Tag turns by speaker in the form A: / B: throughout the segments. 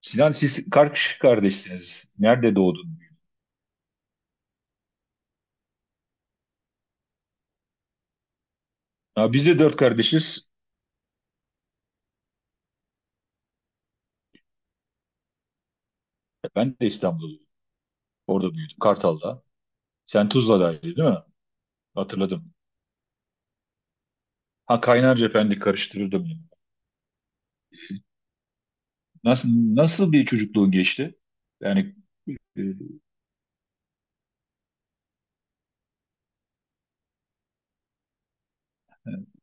A: Sinan siz kaç kardeşsiniz? Nerede doğdun? Ya biz de dört kardeşiz. Ben de İstanbul'da doğdum. Orada büyüdüm. Kartal'da. Sen Tuzla'daydın değil mi? Hatırladım. Ha Kaynarca Pendik karıştırırdım. Yani. Nasıl nasıl bir çocukluğun geçti? Yani e, e,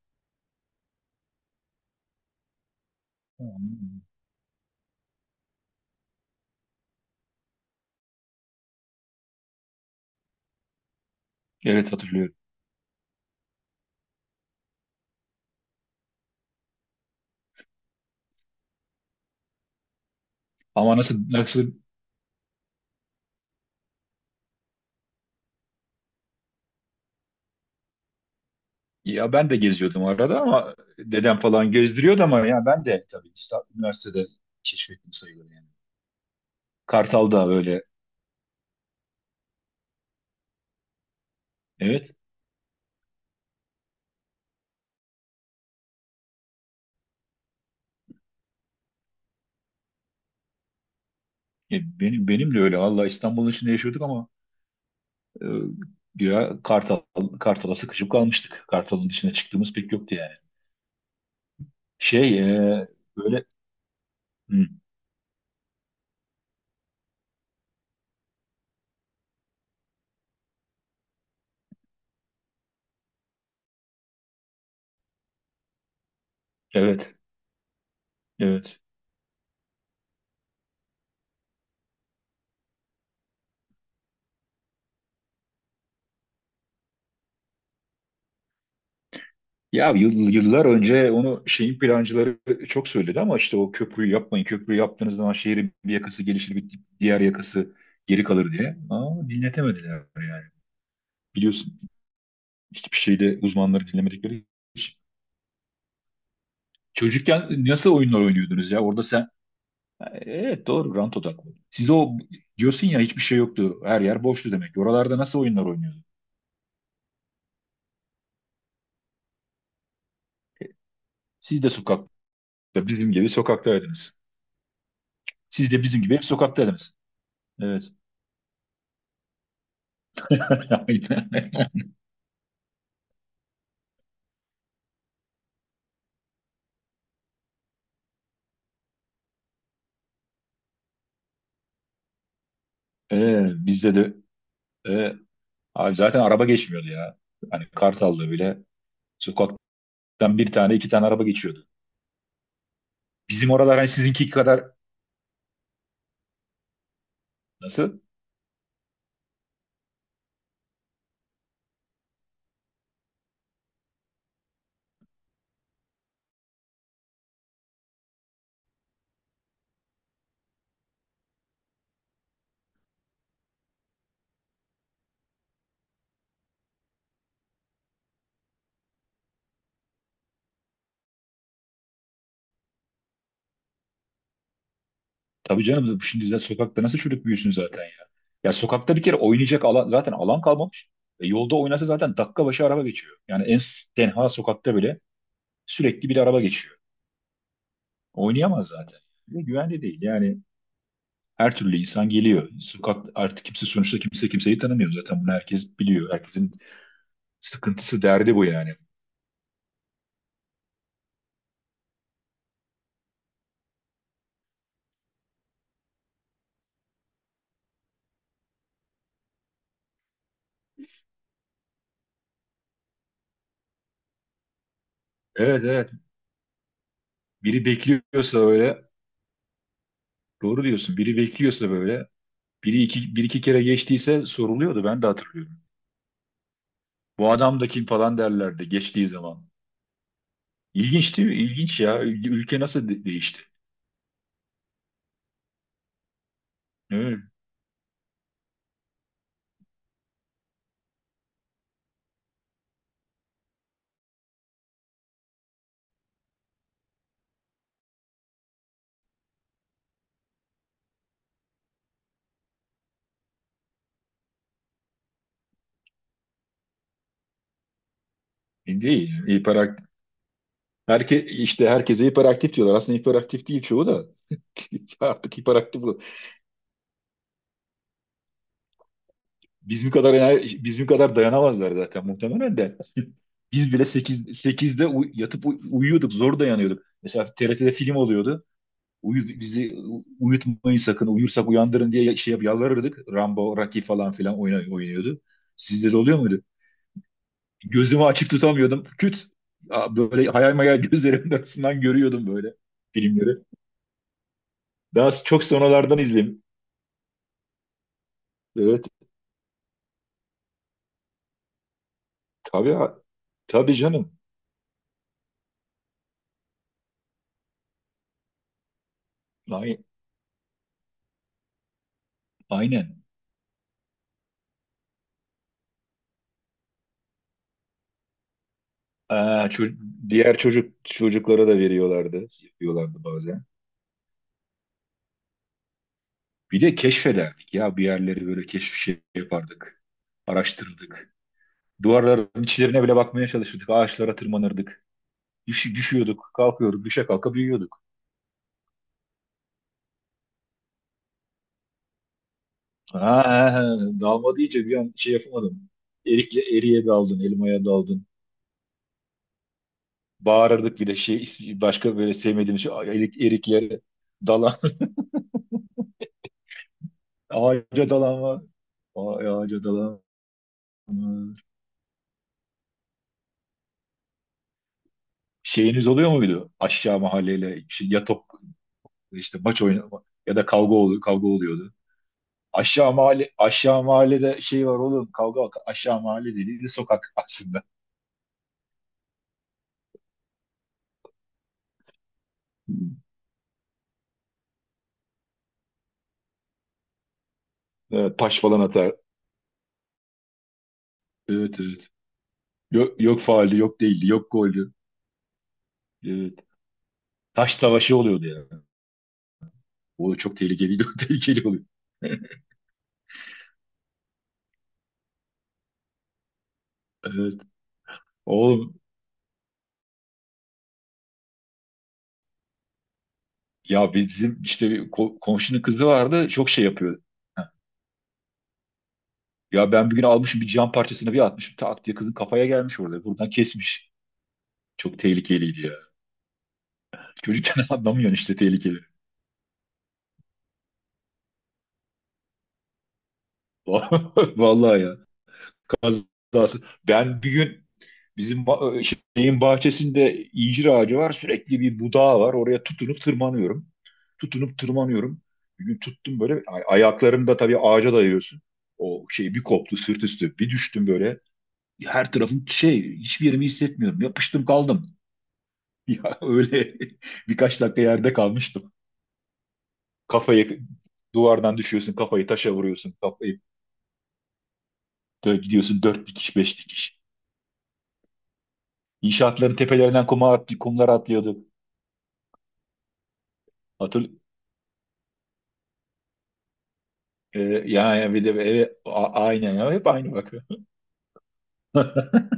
A: evet hatırlıyorum. Ama nasıl ya ben de geziyordum arada ama dedem falan gezdiriyordu ama ya ben de tabii İstanbul, üniversitede keşfettim sayılır yani. Kartal'da böyle. Evet. Ya benim de öyle. Allah İstanbul'un içinde yaşıyorduk ama e, ya Kartal'a sıkışıp kalmıştık. Kartal'ın dışına çıktığımız pek yoktu yani. Şey e, böyle hı, evet evet. Ya yıllar önce onu şeyin plancıları çok söyledi ama işte o köprüyü yapmayın. Köprüyü yaptığınız zaman şehrin bir yakası gelişir, bir diğer yakası geri kalır diye. Ama dinletemediler yani. Biliyorsun hiçbir şeyde uzmanları dinlemedikleri için. Çocukken nasıl oyunlar oynuyordunuz ya? Orada sen evet doğru rant odaklı. Siz o diyorsun ya hiçbir şey yoktu. Her yer boştu demek. Oralarda nasıl oyunlar oynuyordu? Siz de sokakta bizim gibi sokaktaydınız. Siz de bizim gibi hep sokaktaydınız. Evet. Aynen. Bizde de e, abi zaten araba geçmiyordu ya. Hani Kartal'da bile sokaktan bir tane iki tane araba geçiyordu. Bizim oralar hani sizinki kadar nasıl? Tabii canım şimdi zaten sokakta nasıl çocuk büyüsün zaten ya. Ya sokakta bir kere oynayacak alan zaten alan kalmamış. E, yolda oynasa zaten dakika başı araba geçiyor. Yani en tenha sokakta bile sürekli bir araba geçiyor. Oynayamaz zaten. Ve güvende değil. Yani her türlü insan geliyor. Sokak artık kimse sonuçta kimse kimseyi tanımıyor zaten. Bunu herkes biliyor. Herkesin sıkıntısı, derdi bu yani. Evet evet. Biri bekliyorsa böyle doğru diyorsun. Biri bekliyorsa böyle bir iki kere geçtiyse soruluyordu. Ben de hatırlıyorum. Bu adam da kim falan derlerdi geçtiği zaman. İlginç değil mi? İlginç ya. Ülke nasıl değişti? Evet. Değil. Hiperaktif. İşte herkese hiperaktif diyorlar. Aslında hiperaktif değil çoğu da. Artık hiperaktif. Bu. Bizim kadar bizim kadar dayanamazlar zaten muhtemelen de. Biz bile 8 sekizde yatıp uyuyorduk. Zor dayanıyorduk. Mesela TRT'de film oluyordu. Uyu, bizi uyutmayın sakın. Uyursak uyandırın diye şey yap, yalvarırdık. Rambo, Rocky falan filan oynuyordu. Sizde de oluyor muydu? Gözümü açık tutamıyordum. Küt. Aa, böyle hayal mayal gözlerimin arasından görüyordum böyle filmleri. Daha çok sonralardan izledim. Evet. Tabii, tabii canım. Ay- Aynen. Aa, diğer çocuklara da veriyorlardı. Yapıyorlardı bazen. Bir de keşfederdik ya bir yerleri böyle keşif şey yapardık. Araştırırdık. Duvarların içlerine bile bakmaya çalışırdık. Ağaçlara tırmanırdık. Düşüyorduk, kalkıyorduk, düşe kalka büyüyorduk. Ha, he, he. Dalma deyince bir an şey yapamadım. Erikle eriye daldın, elmaya daldın. Bağırırdık bile şey başka böyle sevmediğim şey ay, erik, eriklere dalan ağaca dalan var. Ay, ağaca dalan var. Şeyiniz oluyor muydu? Aşağı mahalleyle şey, ya top işte maç oynama ya da kavga oluyor, kavga oluyordu. Aşağı mahallede şey var oğlum kavga bak aşağı mahalle dediği de sokak aslında. Evet, taş falan atar. Evet evet. Yok, yok faali, yok değildi, yok goldü. Evet. Taş savaşı oluyordu yani. O çok tehlikeli, tehlikeli oluyor. Evet. Oğlum ya bizim işte bir komşunun kızı vardı çok şey yapıyordu. Heh. Ya ben bir gün almışım bir cam parçasını bir atmışım tak diye kızın kafaya gelmiş orada. Buradan kesmiş. Çok tehlikeliydi ya. Çocukken anlamıyorsun işte tehlikeli. Vallahi ya. Biraz ben bir gün bizim ba- şeyin bahçesinde incir ağacı var. Sürekli bir budağı var. Oraya tutunup tırmanıyorum. Tutunup tırmanıyorum. Bir gün tuttum böyle. Ayaklarımı da tabii ağaca dayıyorsun. O şey bir koptu sırt üstü. Bir düştüm böyle. Her tarafım şey hiçbir yerimi hissetmiyorum. Yapıştım kaldım. Ya öyle birkaç dakika yerde kalmıştım. Kafayı duvardan düşüyorsun. Kafayı taşa vuruyorsun. Kafayı gidiyorsun dört dikiş beş dikiş. İnşaatların tepelerinden kumlar atlıyordu. Hatır, e, yani bir de evet, aynen ya hep aynı bak.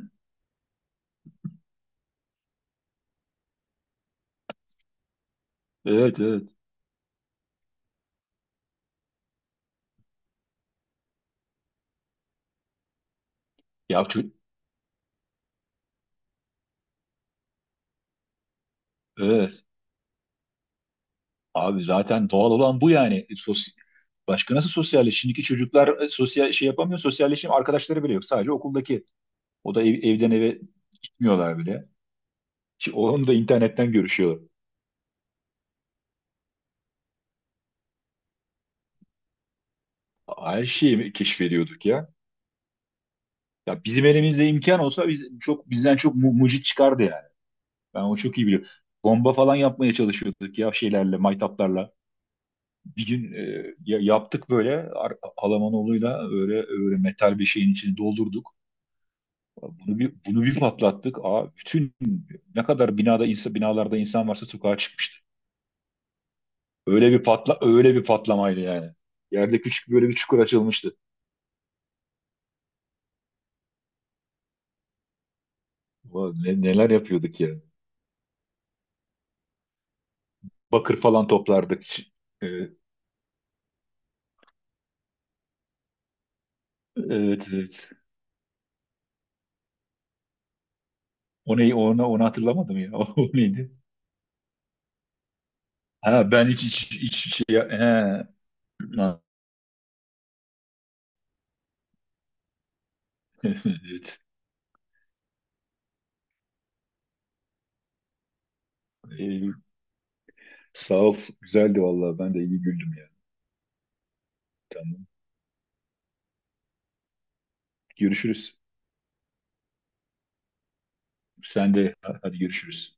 A: Evet evet. Ya ço- evet. Abi zaten doğal olan bu yani. E, Sos Başka nasıl sosyalleş? Şimdiki çocuklar sosyal şey yapamıyor. Sosyalleşim arkadaşları bile yok. Sadece okuldaki. O da evden eve gitmiyorlar bile. Ki onu da internetten görüşüyor. Her şeyi mi keşfediyorduk ya. Ya bizim elimizde imkan olsa biz bizden çok mucit çıkardı yani. Ben onu çok iyi biliyorum. Bomba falan yapmaya çalışıyorduk ya şeylerle, maytaplarla. Bir gün yaptık böyle Alamanoğlu'yla böyle, öyle metal bir şeyin içini doldurduk. Bunu bir patlattık. Aa, bütün ne kadar binada insan, binalarda insan varsa sokağa çıkmıştı. Öyle bir patlamaydı yani. Yerde küçük böyle bir çukur açılmıştı. Ulan neler yapıyorduk ya. Bakır falan toplardık. E, Evet, evet. Onu hatırlamadım ya. O neydi? Ha ben hiç şey he. Ha, evet. Ee, sağ ol. Güzeldi vallahi. Ben de iyi güldüm yani. Tamam. Görüşürüz. Sen de hadi görüşürüz.